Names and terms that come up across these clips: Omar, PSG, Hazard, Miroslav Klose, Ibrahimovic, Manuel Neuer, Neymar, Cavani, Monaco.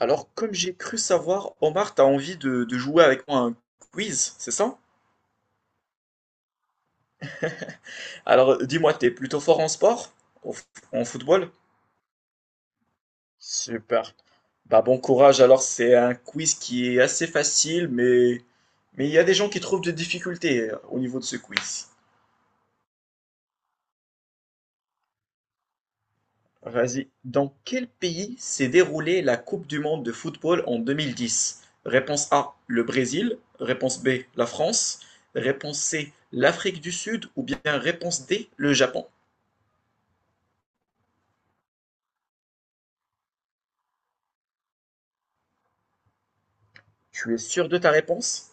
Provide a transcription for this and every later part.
Alors, comme j'ai cru savoir, Omar, t'as envie de jouer avec moi à un quiz, c'est ça? Alors, dis-moi, t'es plutôt fort en sport? En, f- en football? Super. Bah, bon courage. Alors, c'est un quiz qui est assez facile, mais il y a des gens qui trouvent des difficultés au niveau de ce quiz. Vas-y. Dans quel pays s'est déroulée la Coupe du monde de football en 2010? Réponse A, le Brésil. Réponse B, la France. Réponse C, l'Afrique du Sud. Ou bien réponse D, le Japon. Tu es sûr de ta réponse?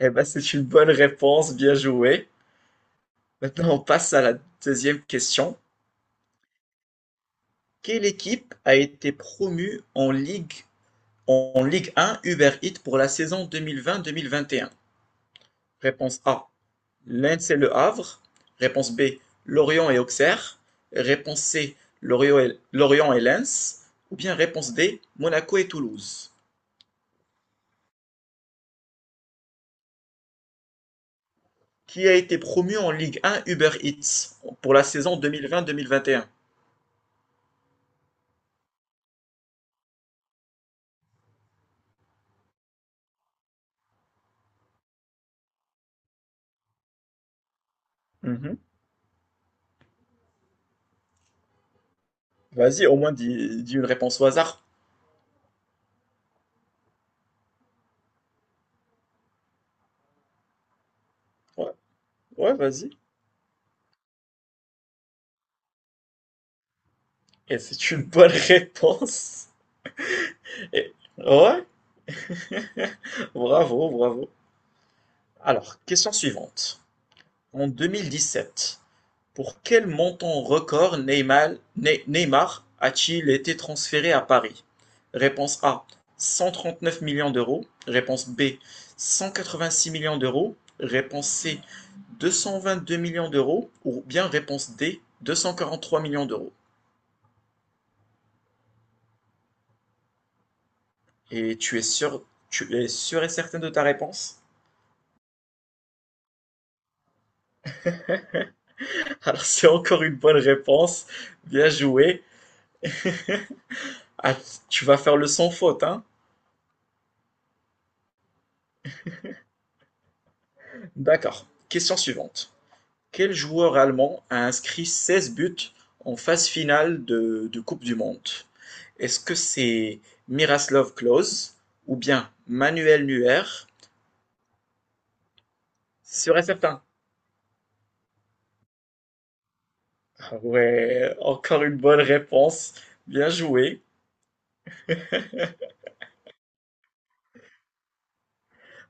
Eh ben, c'est une bonne réponse, bien joué. Maintenant, on passe à la deuxième question. Quelle équipe a été promue en Ligue 1 Uber Eats pour la saison 2020-2021? Réponse A. Lens et Le Havre. Réponse B. Lorient et Auxerre. Réponse C. Lorient et Lens. Ou bien réponse D. Monaco et Toulouse. Qui a été promu en Ligue 1 Uber Eats pour la saison 2020-2021? Mhm. Vas-y, au moins dis, dis une réponse au hasard. Ouais, ouais, vas-y. Et c'est une bonne réponse. Et- ouais, bravo, bravo. Alors, question suivante. En 2017. Pour quel montant record Neymar a-t-il été transféré à Paris? Réponse A 139 millions d'euros. Réponse B 186 millions d'euros. Réponse C 222 millions d'euros. Ou bien réponse D 243 millions d'euros. Et tu es sûr et certain de ta réponse? Alors c'est encore une bonne réponse. Bien joué. Ah, tu vas faire le sans faute, hein? D'accord. Question suivante. Quel joueur allemand a inscrit 16 buts en phase finale de Coupe du monde? Est-ce que c'est Miroslav Klose ou bien Manuel Neuer? Sûr et certain. Ah ouais, encore une bonne réponse. Bien joué.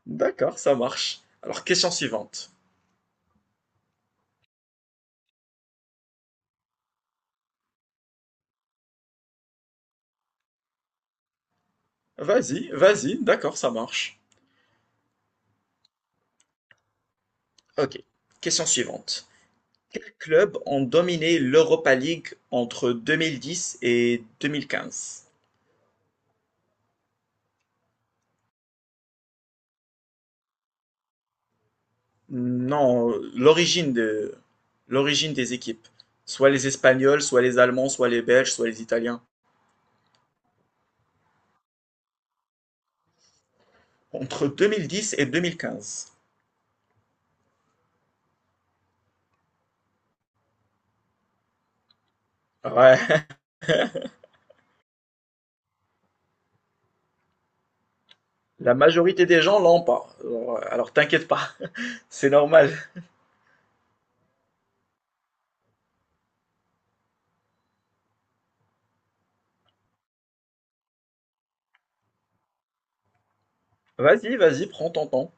D'accord, ça marche. Alors, question suivante. Vas-y, vas-y, d'accord, ça marche. Ok, question suivante. Quels clubs ont dominé l'Europa League entre 2010 et 2015? Non, l'origine de l'origine des équipes. Soit les Espagnols, soit les Allemands, soit les Belges, soit les Italiens. Entre 2010 et 2015. Ouais, la majorité des gens l'ont pas. Alors t'inquiète pas, c'est normal. Vas-y, vas-y, prends ton temps.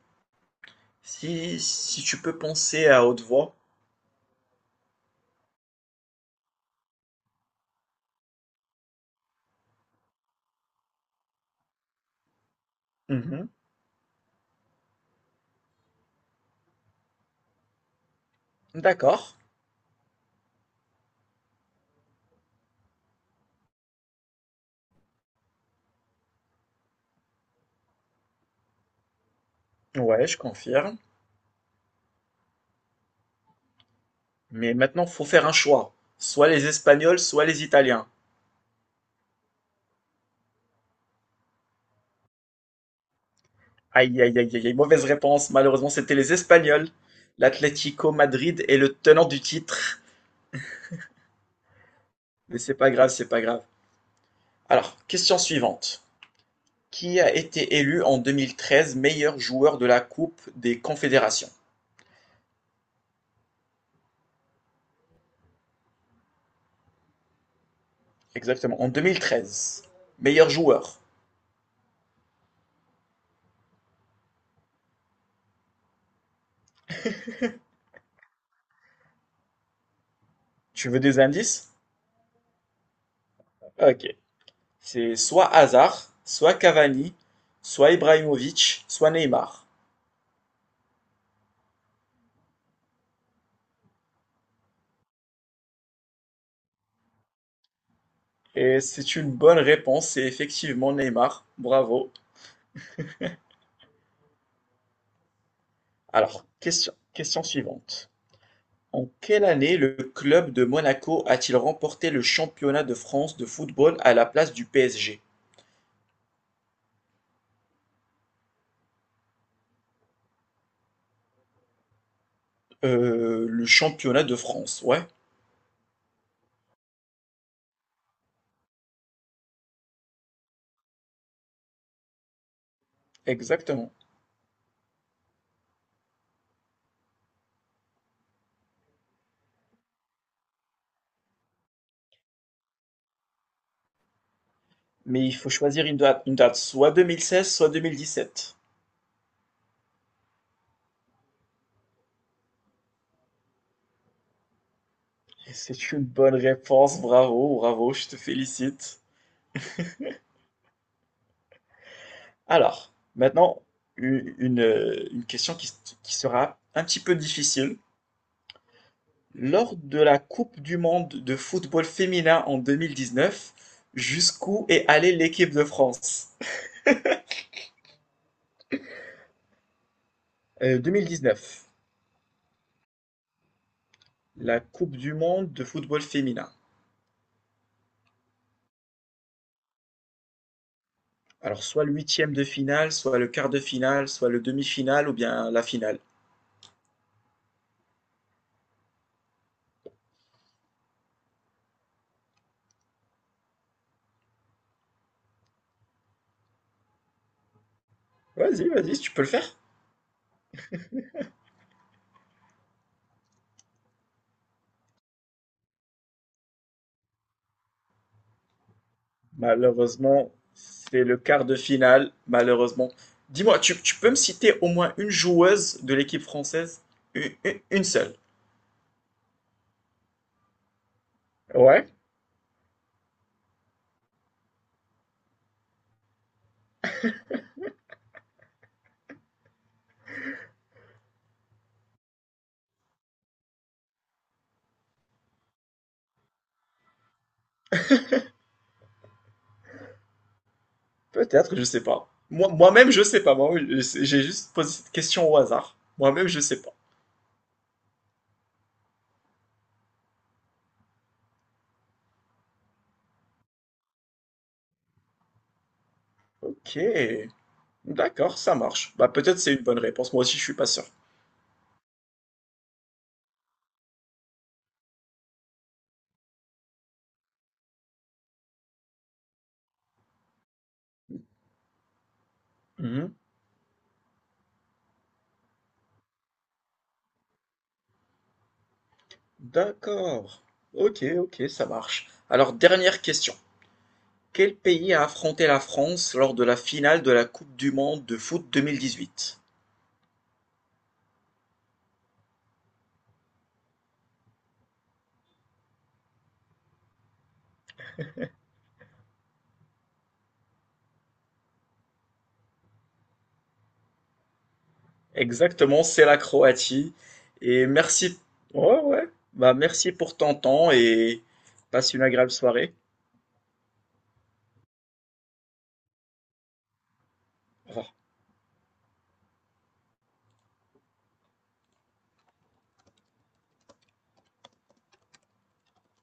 Si, si tu peux penser à haute voix. Mhm. D'accord. Ouais, je confirme. Mais maintenant, faut faire un choix. Soit les Espagnols, soit les Italiens. Aïe, aïe, aïe, aïe, aïe. Mauvaise réponse. Malheureusement, c'était les Espagnols. L'Atlético Madrid est le tenant du titre. Mais c'est pas grave, c'est pas grave. Alors, question suivante. Qui a été élu en 2013 meilleur joueur de la Coupe des Confédérations? Exactement, en 2013. Meilleur joueur. Tu veux des indices? Ok. C'est soit Hazard, soit Cavani, soit Ibrahimovic, soit Neymar. Et c'est une bonne réponse, c'est effectivement Neymar. Bravo. Alors, question suivante. En quelle année le club de Monaco a-t-il remporté le championnat de France de football à la place du PSG? Le championnat de France, ouais, exactement. Mais il faut choisir une date, soit 2016, soit 2017. Et c'est une bonne réponse, bravo, bravo, je te félicite. Alors, maintenant, une question qui sera un petit peu difficile. Lors de la coupe du monde de football féminin en 2019, jusqu'où est allée l'équipe de France? 2019, la coupe du monde de football féminin. Alors soit le huitième de finale, soit le quart de finale, soit le demi-finale ou bien la finale. Vas-y, vas-y, tu peux le faire. Malheureusement, c'est le quart de finale, malheureusement. Dis-moi, tu peux me citer au moins une joueuse de l'équipe française? Une seule. Ouais. Peut-être, je sais pas. Moi, moi-même, je sais pas. Moi, je- j'ai juste posé cette question au hasard. Moi-même, je sais pas. Ok. D'accord, ça marche. Bah, peut-être c'est une bonne réponse. Moi aussi, je suis pas sûr. Mhm. D'accord. Ok, ok, ça marche. Alors, dernière question. Quel pays a affronté la France lors de la finale de la Coupe du Monde de foot 2018? Exactement, c'est la Croatie. Et merci. Ouais, ouais. Bah, merci pour ton temps et passe une agréable soirée. Au revoir.